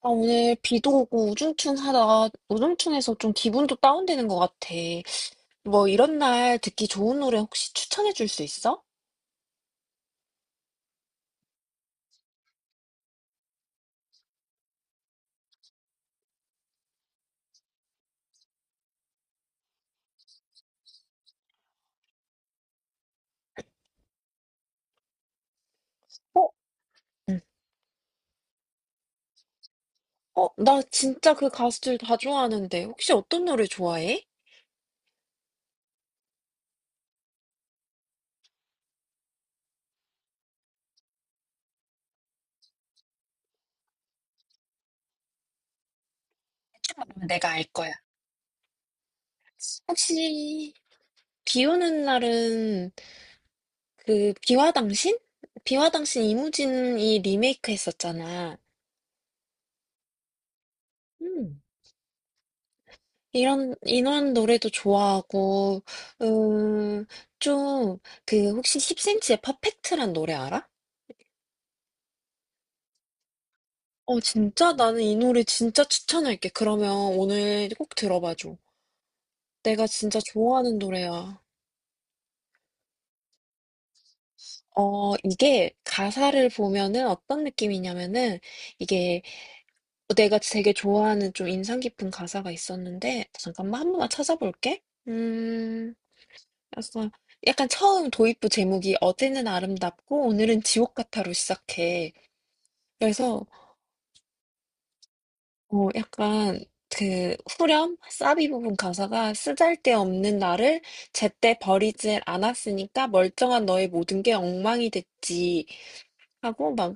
아, 오늘 비도 오고 우중충하다. 우중충해서 좀 기분도 다운되는 것 같아. 뭐 이런 날 듣기 좋은 노래 혹시 추천해 줄 수 있어? 어? 응. 어, 나 진짜 그 가수들 다 좋아하는데. 혹시 어떤 노래 좋아해? 그럼 내가 알 거야. 혹시 비 오는 날은 그 비와 당신? 비와 당신 이무진이 리메이크 했었잖아. 음. 이런, 이 노래도 좋아하고, 음, 좀, 그, 혹시 10cm의 퍼펙트란 노래 알아? 어, 진짜? 나는 이 노래 진짜 추천할게. 그러면 오늘 꼭 들어봐줘. 내가 진짜 좋아하는 노래야. 어, 이게 가사를 보면은 어떤 느낌이냐면은 이게 내가 되게 좋아하는 좀 인상 깊은 가사가 있었는데 잠깐만 한 번만 찾아볼게. 음. 그래서 약간 처음 도입부 제목이 어제는 아름답고 오늘은 지옥 같아로 시작해. 그래서 약간 그 후렴 사비 부분 가사가 쓰잘데없는 나를 제때 버리질 않았으니까 멀쩡한 너의 모든 게 엉망이 됐지. 하고 막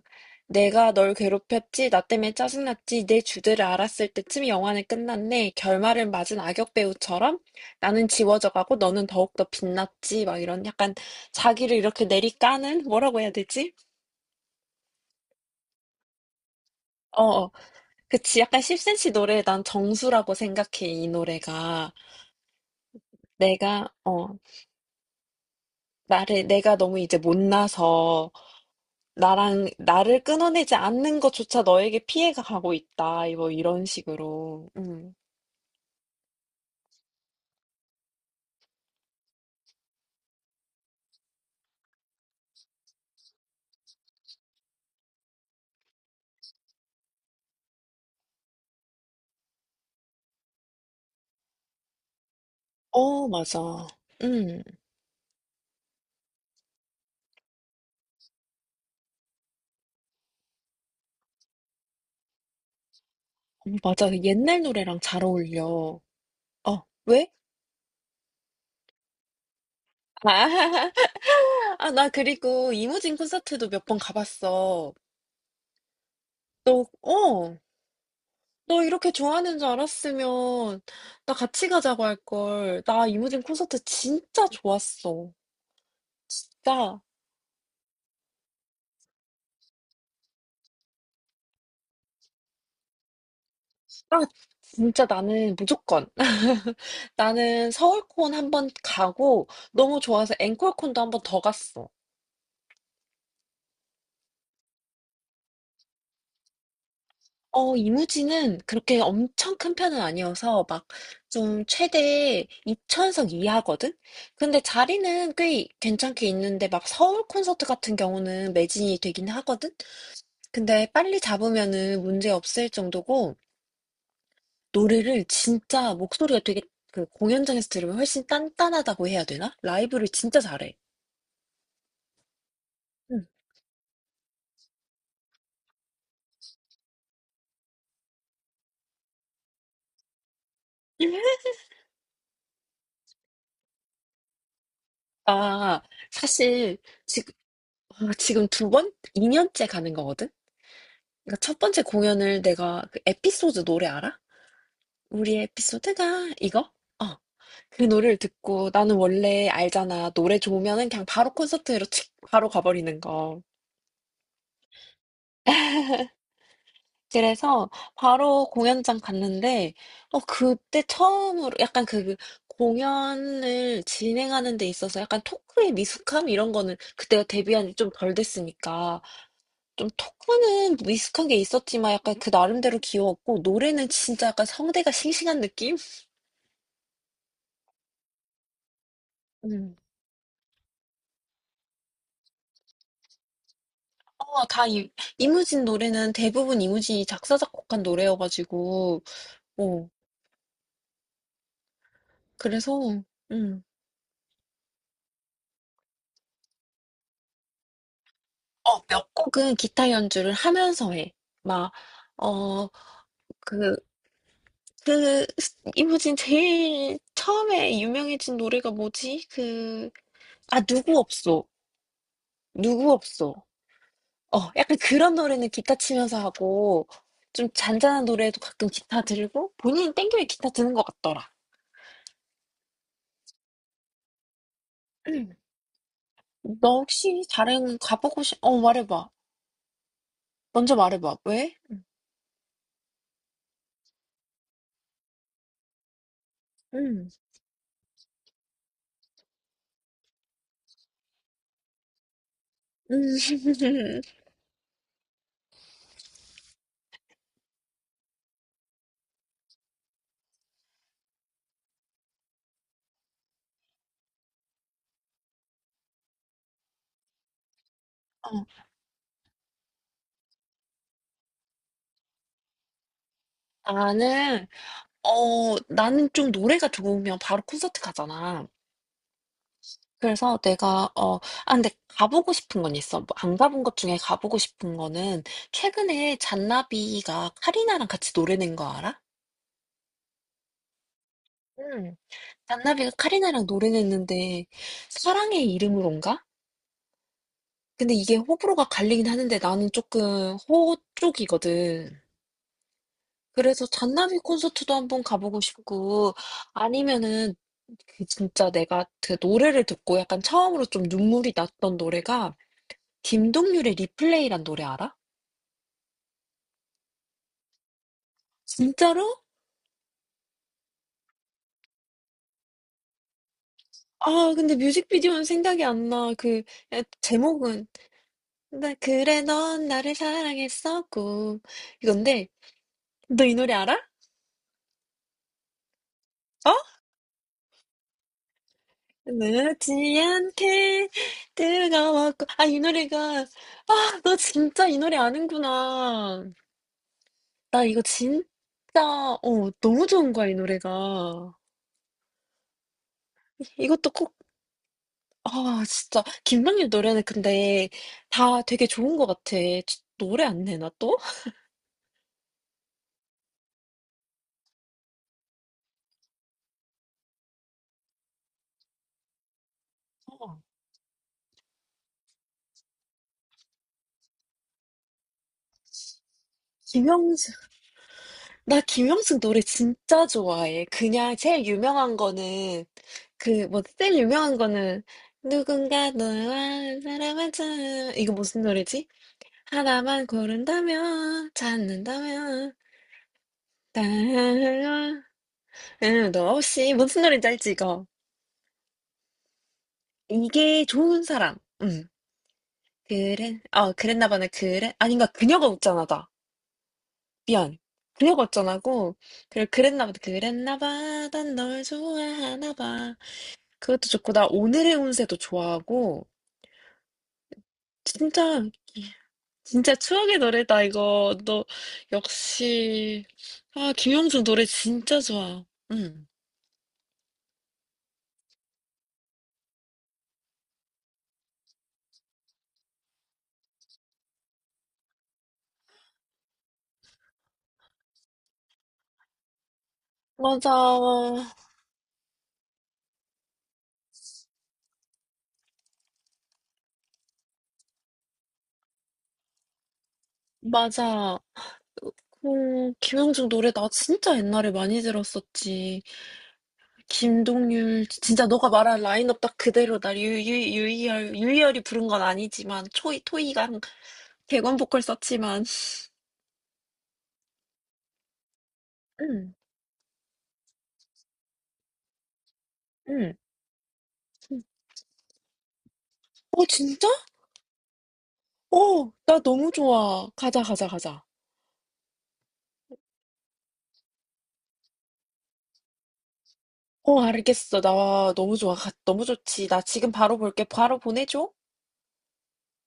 내가 널 괴롭혔지, 나 때문에 짜증났지, 내 주제를 알았을 때쯤 영화는 끝났네. 결말을 맞은 악역 배우처럼 나는 지워져가고 너는 더욱더 빛났지. 막 이런 약간 자기를 이렇게 내리까는 뭐라고 해야 되지? 어, 어. 그치. 약간 10cm 노래 난 정수라고 생각해, 이 노래가. 내가, 나를, 내가 너무 이제 못나서 나랑, 나를 끊어내지 않는 것조차 너에게 피해가 가고 있다. 뭐 이런 식으로. 음. 어, 맞아. 음, 맞아. 그 옛날 노래랑 잘 어울려. 어, 왜? 아, 아, 나 그리고 이무진 콘서트도 몇 번 가봤어. 너, 어, 너 이렇게 좋아하는 줄 알았으면 나 같이 가자고 할 걸. 나 이무진 콘서트 진짜 좋았어. 진짜, 아, 진짜 나는 무조건. 나는 서울콘 한번 가고 너무 좋아서 앵콜콘도 한번 더 갔어. 어 이무지는 그렇게 엄청 큰 편은 아니어서 막 좀 최대 2,000석 이하거든? 근데 자리는 꽤 괜찮게 있는데 막 서울 콘서트 같은 경우는 매진이 되긴 하거든? 근데 빨리 잡으면은 문제 없을 정도고 노래를 진짜 목소리가 되게 그 공연장에서 들으면 훨씬 단단하다고 해야 되나? 라이브를 진짜 잘해. 응. 아, 사실 지금, 지금 두 번? 2년째 가는 거거든? 그러니까 첫 번째 공연을 내가 그 에피소드 노래 알아? 우리 에피소드가 이거? 어, 그 노래를 듣고 나는 원래 알잖아. 노래 좋으면은 그냥 바로 콘서트로 칙 바로 가버리는 거. 그래서 바로 공연장 갔는데, 어, 그때 처음으로 약간 그 공연을 진행하는 데 있어서 약간 토크의 미숙함 이런 거는 그때가 데뷔한 지 좀 덜 됐으니까 좀 토크는 미숙한 게 있었지만 약간 그 나름대로 귀여웠고 노래는 진짜 약간 성대가 싱싱한 느낌? 음. 어, 다 이무진 노래는 대부분 이무진이 작사, 작곡한 노래여가지고, 어, 그래서, 음. 어, 몇 곡은 기타 연주를 하면서 해. 막, 어, 그, 이무진 제일 처음에 유명해진 노래가 뭐지? 그, 아, 누구 없어. 누구 없어. 어, 약간 그런 노래는 기타 치면서 하고, 좀 잔잔한 노래도 가끔 기타 들고, 본인 땡겨에 기타 드는 것 같더라. 너 혹시 다른 말해봐. 먼저 말해봐. 왜? 응. 음. 음. 어, 나는, 나는 좀 노래가 좋으면 바로 콘서트 가잖아. 그래서 근데 가보고 싶은 건 있어. 뭐안 가본 것 중에 가보고 싶은 거는 최근에 잔나비가 카리나랑 같이 노래 낸 거 알아? 응 잔나비가 카리나랑 노래 냈는데 사랑의 이름으로인가? 근데 이게 호불호가 갈리긴 하는데 나는 조금 호 쪽이거든. 그래서 잔나비 콘서트도 한번 가보고 싶고, 아니면은, 그 진짜 내가 그 노래를 듣고 약간 처음으로 좀 눈물이 났던 노래가, 김동률의 리플레이란 노래 알아? 진짜로? 아, 근데 뮤직비디오는 생각이 안 나. 그, 에, 제목은, 나 그래, 넌 나를 사랑했었고. 이건데, 너 이 노래 알아? 어? 늦지 않게 뜨거웠고. 아, 이 노래가, 아, 너 진짜 이 노래 아는구나. 나 이거 진짜 너무 좋은 거야 이 노래가. 이것도 꼭 아 진짜 김동률 노래는 근데 다 되게 좋은 것 같아. 노래 안 내나 또? 어. 김영수 나 김영수 노래 진짜 좋아해. 그냥 제일 유명한 거는 그뭐 제일 유명한 거는 누군가 너와 사랑한 참 이거 무슨 노래지? 하나만 고른다면 찾는다면 나 응, 너 없이 무슨 노래인지 알지 이거? 이게 좋은 사람. 음. 그래. 어, 그랬나 보네. 그래. 아닌가. 그녀가 웃잖아다. 미안. 그녀가 웃잖아고. 그리고 그랬나 보다. 그랬나 봐. 난 널 좋아하나 봐. 그것도 좋고 나 오늘의 운세도 좋아하고 진짜 진짜 추억의 노래다 이거. 너 역시 아, 김영준 노래 진짜 좋아. 응. 맞아. 맞아. 어, 김영중 노래 나 진짜 옛날에 많이 들었었지. 김동률 진짜 너가 말한 라인업 딱 그대로다. 유유 유이열 유이열이 부른 건 아니지만 초이 토이강 객원 보컬 썼지만 응 응 어 진짜? 어, 나 너무 좋아. 가자 가자 가자. 어 알겠어. 나 너무 좋아. 너무 좋지. 나 지금 바로 볼게. 바로 보내줘.